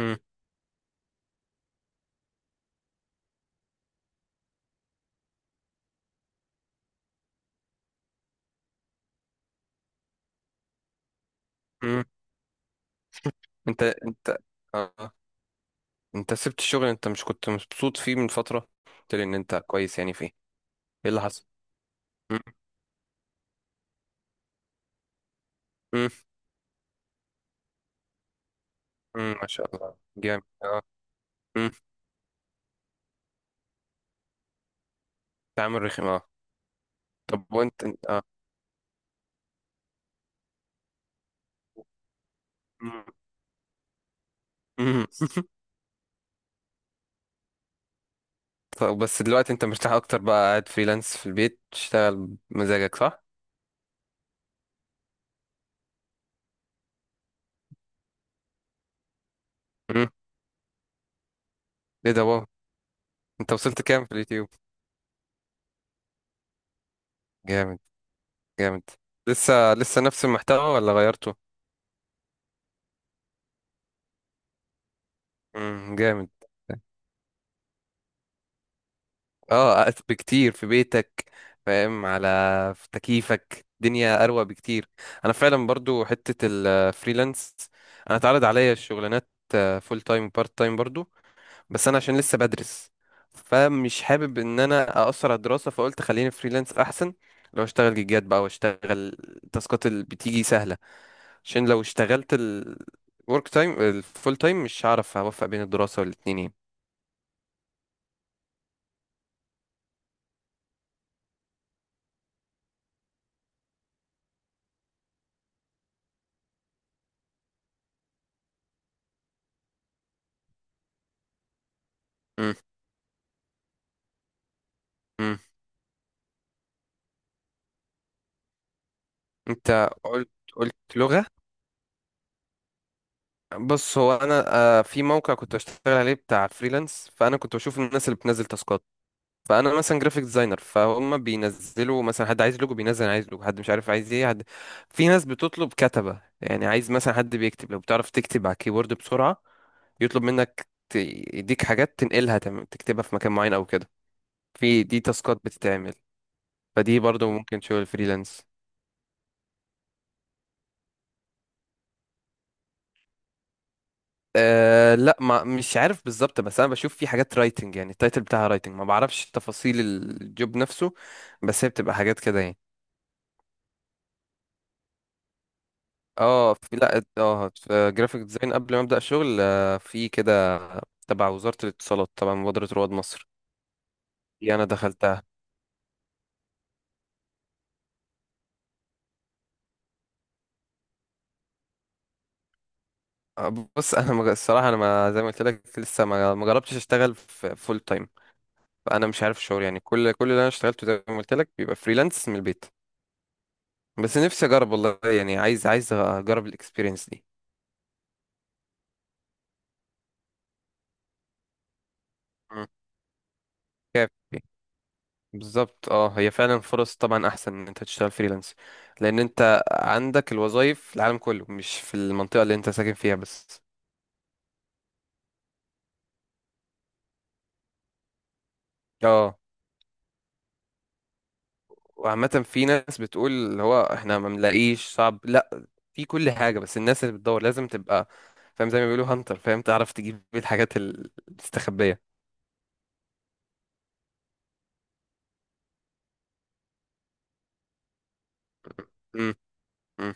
مم. مم. انت اه انت سبت الشغل، انت مش كنت مبسوط فيه من فترة؟ قلت لي ان انت كويس، يعني فيه ايه اللي حصل؟ مم. مم. مم. ما شاء الله، جامد. اه. مم. تعامل رخم. اه. طب وانت انت اه مم. مم. طب بس دلوقتي انت مرتاح اكتر بقى، قاعد فريلانس في البيت تشتغل بمزاجك، صح؟ مم. ايه ده، واو. انت وصلت كام في اليوتيوب؟ جامد. جامد. لسه نفس المحتوى ولا غيرته؟ مم. جامد. بكتير في بيتك، فاهم على، في تكييفك الدنيا اروق بكتير. انا فعلا برضو حتة الفريلانس، انا اتعرض عليا الشغلانات فول تايم بارت تايم برضو، بس انا عشان لسه بدرس، فمش حابب ان انا اقصر على الدراسة، فقلت خليني فريلانس احسن. لو اشتغل جيجات بقى واشتغل التاسكات اللي بتيجي سهلة، عشان لو اشتغلت الورك تايم الفول تايم مش هعرف اوفق بين الدراسة والاتنين يعني. مم، مم. انت قلت لغة. بص هو انا في موقع كنت بشتغل عليه بتاع فريلانس، فانا كنت بشوف الناس اللي بتنزل تاسكات. فانا مثلا جرافيك ديزاينر، فهم بينزلوا مثلا حد عايز لوجو، بينزل عايز لوجو، حد مش عارف عايز ايه، حد. في ناس بتطلب كتبة، يعني عايز مثلا حد بيكتب. لو بتعرف تكتب على الكيبورد بسرعة، يطلب منك يديك حاجات تنقلها تكتبها في مكان معين او كده. في دي تاسكات بتتعمل، فدي برضو ممكن شغل فريلانس. أه لا، ما مش عارف بالظبط، بس انا بشوف في حاجات رايتنج، يعني التايتل بتاعها رايتنج، ما بعرفش تفاصيل الجوب نفسه، بس هي بتبقى حاجات كده يعني. اه في لا اه في جرافيك ديزاين قبل ما ابدا شغل، في كده تبع وزاره الاتصالات، طبعا مبادره رواد مصر دي انا دخلتها. آه، بص انا الصراحه انا، ما زي ما قلت لك، لسه ما جربتش اشتغل في فول تايم. فانا مش عارف الشغل يعني، كل اللي انا اشتغلته زي ما قلت لك بيبقى فريلانس من البيت. بس نفسي اجرب والله، يعني عايز اجرب الاكسبيرينس دي. مم. كافي. بالظبط اه، هي فعلا فرص طبعا احسن ان انت تشتغل فريلانس، لان انت عندك الوظايف في العالم كله، مش في المنطقه اللي انت ساكن فيها بس. اه. وعامه في ناس بتقول اللي هو احنا ما بنلاقيش، صعب، لا، في كل حاجه، بس الناس اللي بتدور لازم تبقى فاهم، زي ما بيقولوا هانتر، فاهم، تعرف تجيب الحاجات المستخبيه. مم، مم،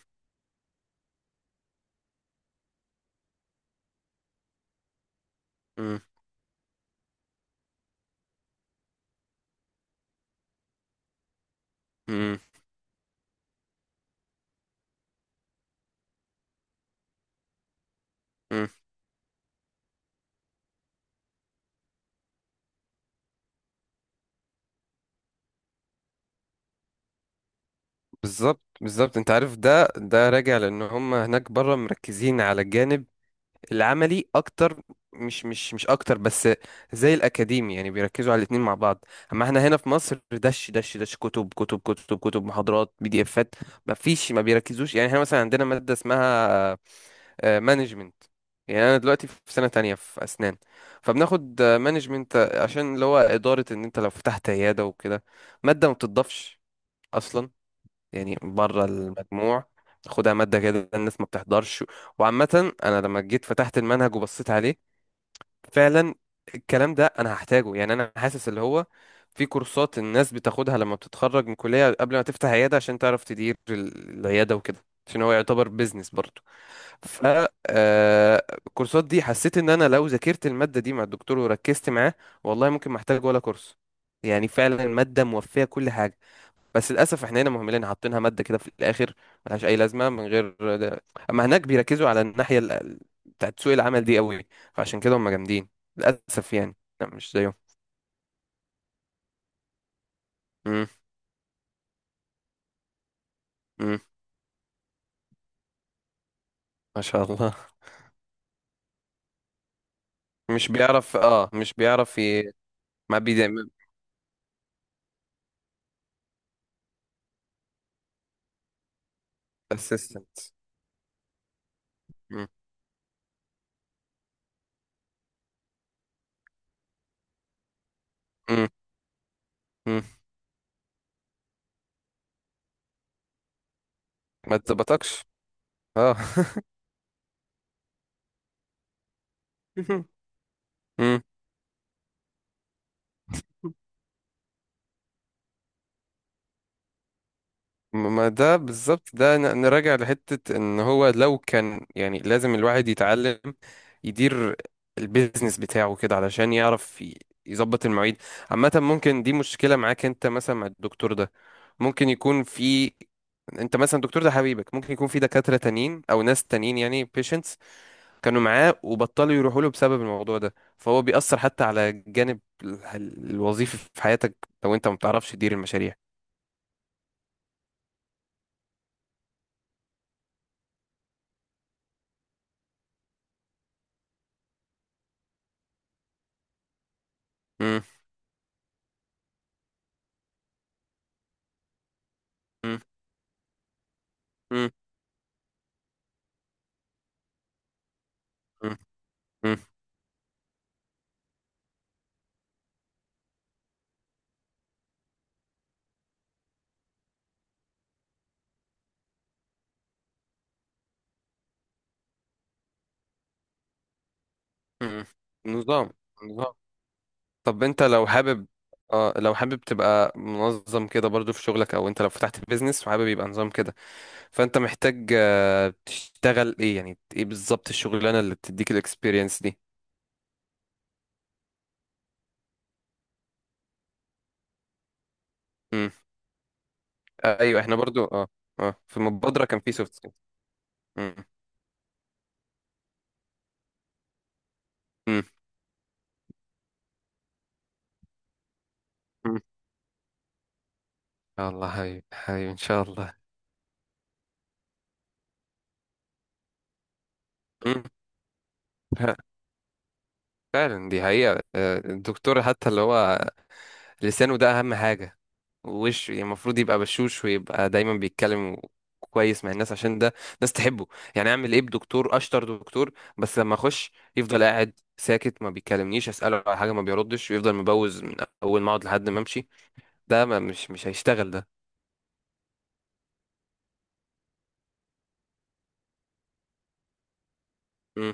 مم، مم، مم. بالظبط بالظبط. انت عارف، ده ده راجع لان هم هناك بره مركزين على الجانب العملي اكتر. مش اكتر بس زي الاكاديمي، يعني بيركزوا على الاتنين مع بعض. اما احنا هنا في مصر، دش دش دش، كتب كتب كتب كتب، محاضرات، بي دي افات، ما فيش، ما بيركزوش. يعني احنا مثلا عندنا مادة اسمها مانجمنت، يعني انا دلوقتي في سنة تانية في اسنان، فبناخد مانجمنت عشان اللي هو ادارة ان انت لو فتحت عيادة وكده. مادة ما بتضافش اصلا، يعني بره المجموع، خدها مادة كده، الناس ما بتحضرش. وعامة أنا لما جيت فتحت المنهج وبصيت عليه، فعلا الكلام ده أنا هحتاجه. يعني أنا حاسس اللي هو في كورسات الناس بتاخدها لما بتتخرج من كلية قبل ما تفتح عيادة، عشان تعرف تدير العيادة وكده، عشان هو يعتبر بيزنس برضه. ف الكورسات دي حسيت ان انا لو ذاكرت المادة دي مع الدكتور وركزت معاه، والله ممكن ما احتاج ولا كورس. يعني فعلا المادة موفية كل حاجة، بس للاسف احنا هنا مهملين حاطينها ماده كده في الاخر، ملهاش اي لازمه من غير ده. اما هناك بيركزوا على الناحيه بتاعت سوق العمل دي قوي، فعشان كده هم جامدين. للاسف يعني، لا مش زيهم. امم. امم. ما شاء الله. مش بيعرف، اه مش بيعرف. ما بي اسيستنت. امم. امم. إمم. ما تظبطكش. اه. امم. ما ده بالظبط، ده نراجع لحتة ان هو لو كان، يعني لازم الواحد يتعلم يدير البيزنس بتاعه كده، علشان يعرف يظبط المواعيد. عامة ممكن دي مشكلة معاك انت مثلا مع الدكتور ده، ممكن يكون في، انت مثلا الدكتور ده حبيبك، ممكن يكون في دكاترة تانيين او ناس تانيين، يعني patients كانوا معاه وبطلوا يروحوا له بسبب الموضوع ده، فهو بيأثر حتى على الجانب الوظيفي في حياتك، لو انت ما بتعرفش تدير المشاريع. مم، مم، مم، مم، مم. مم. نظام. نظام. طب انت لو حابب، اه لو حابب تبقى منظم كده برضو في شغلك، او انت لو فتحت بيزنس وحابب يبقى نظام كده، فانت محتاج تشتغل ايه، يعني ايه بالظبط الشغلانه اللي بتديك الاكسبيرينس دي؟ مم. ايوه احنا برضو اه. اه في المبادره كان في سوفت سكيلز. الله حبيبي حبيبي ان شاء الله. مم. ف- فعلا دي حقيقه، الدكتور حتى اللي هو لسانه ده اهم حاجه ووشه، يعني المفروض يبقى بشوش ويبقى دايما بيتكلم كويس مع الناس عشان ده ناس تحبه. يعني اعمل ايه بدكتور اشطر دكتور، بس لما اخش يفضل قاعد ساكت، ما بيكلمنيش، اساله على حاجه ما بيردش، ويفضل مبوز من اول ما اقعد لحد ما امشي؟ ده ما مش مش هيشتغل ده. م-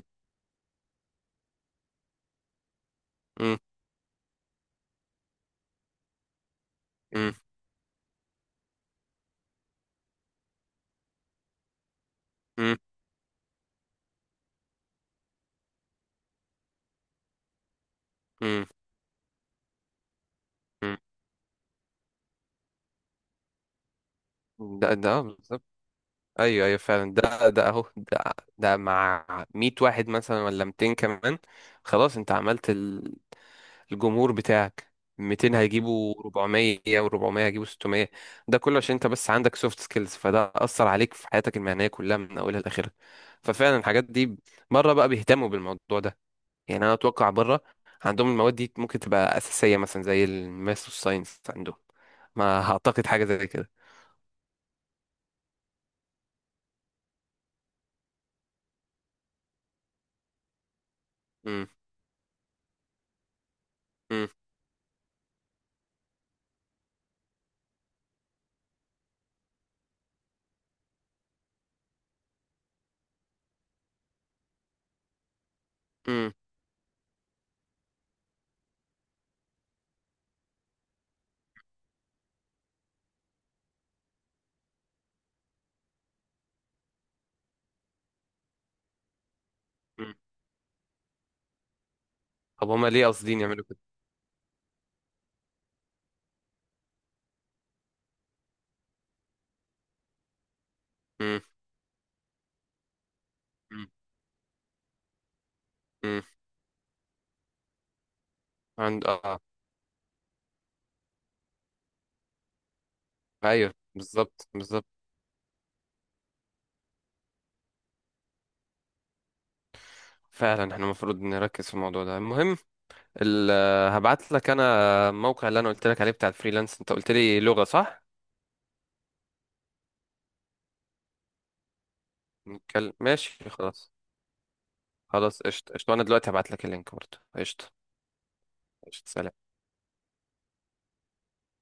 م- م- م- م- م. ده ده بالظبط. ايوه ايوه فعلا، ده اهو ده. ده مع 100 واحد مثلا ولا 200 كمان، خلاص انت عملت الجمهور بتاعك، 200 هيجيبوا 400 و400 هيجيبوا 600. ده كله عشان انت بس عندك سوفت سكيلز، فده اثر عليك في حياتك المهنيه كلها من اولها لاخرها. ففعلا الحاجات دي بره بقى بيهتموا بالموضوع ده. يعني انا اتوقع بره عندهم المواد دي ممكن تبقى اساسيه مثلا زي الماث والساينس عندهم، ما اعتقد حاجه زي كده. مم، مم، مم، مم. طب هما ليه قاصدين يعملوا كده؟ مم، مم، مم. عند اه آه. ايوه بالظبط بالظبط. فعلا احنا المفروض نركز في الموضوع ده المهم. ال- هبعت لك انا الموقع اللي انا قلت لك عليه بتاع الفريلانس، انت قلت لي لغة صح؟ نتكلم ماشي خلاص. خلاص قشطة قشطة، انا دلوقتي هبعت لك اللينك برضه. قشطة قشطة. سلام.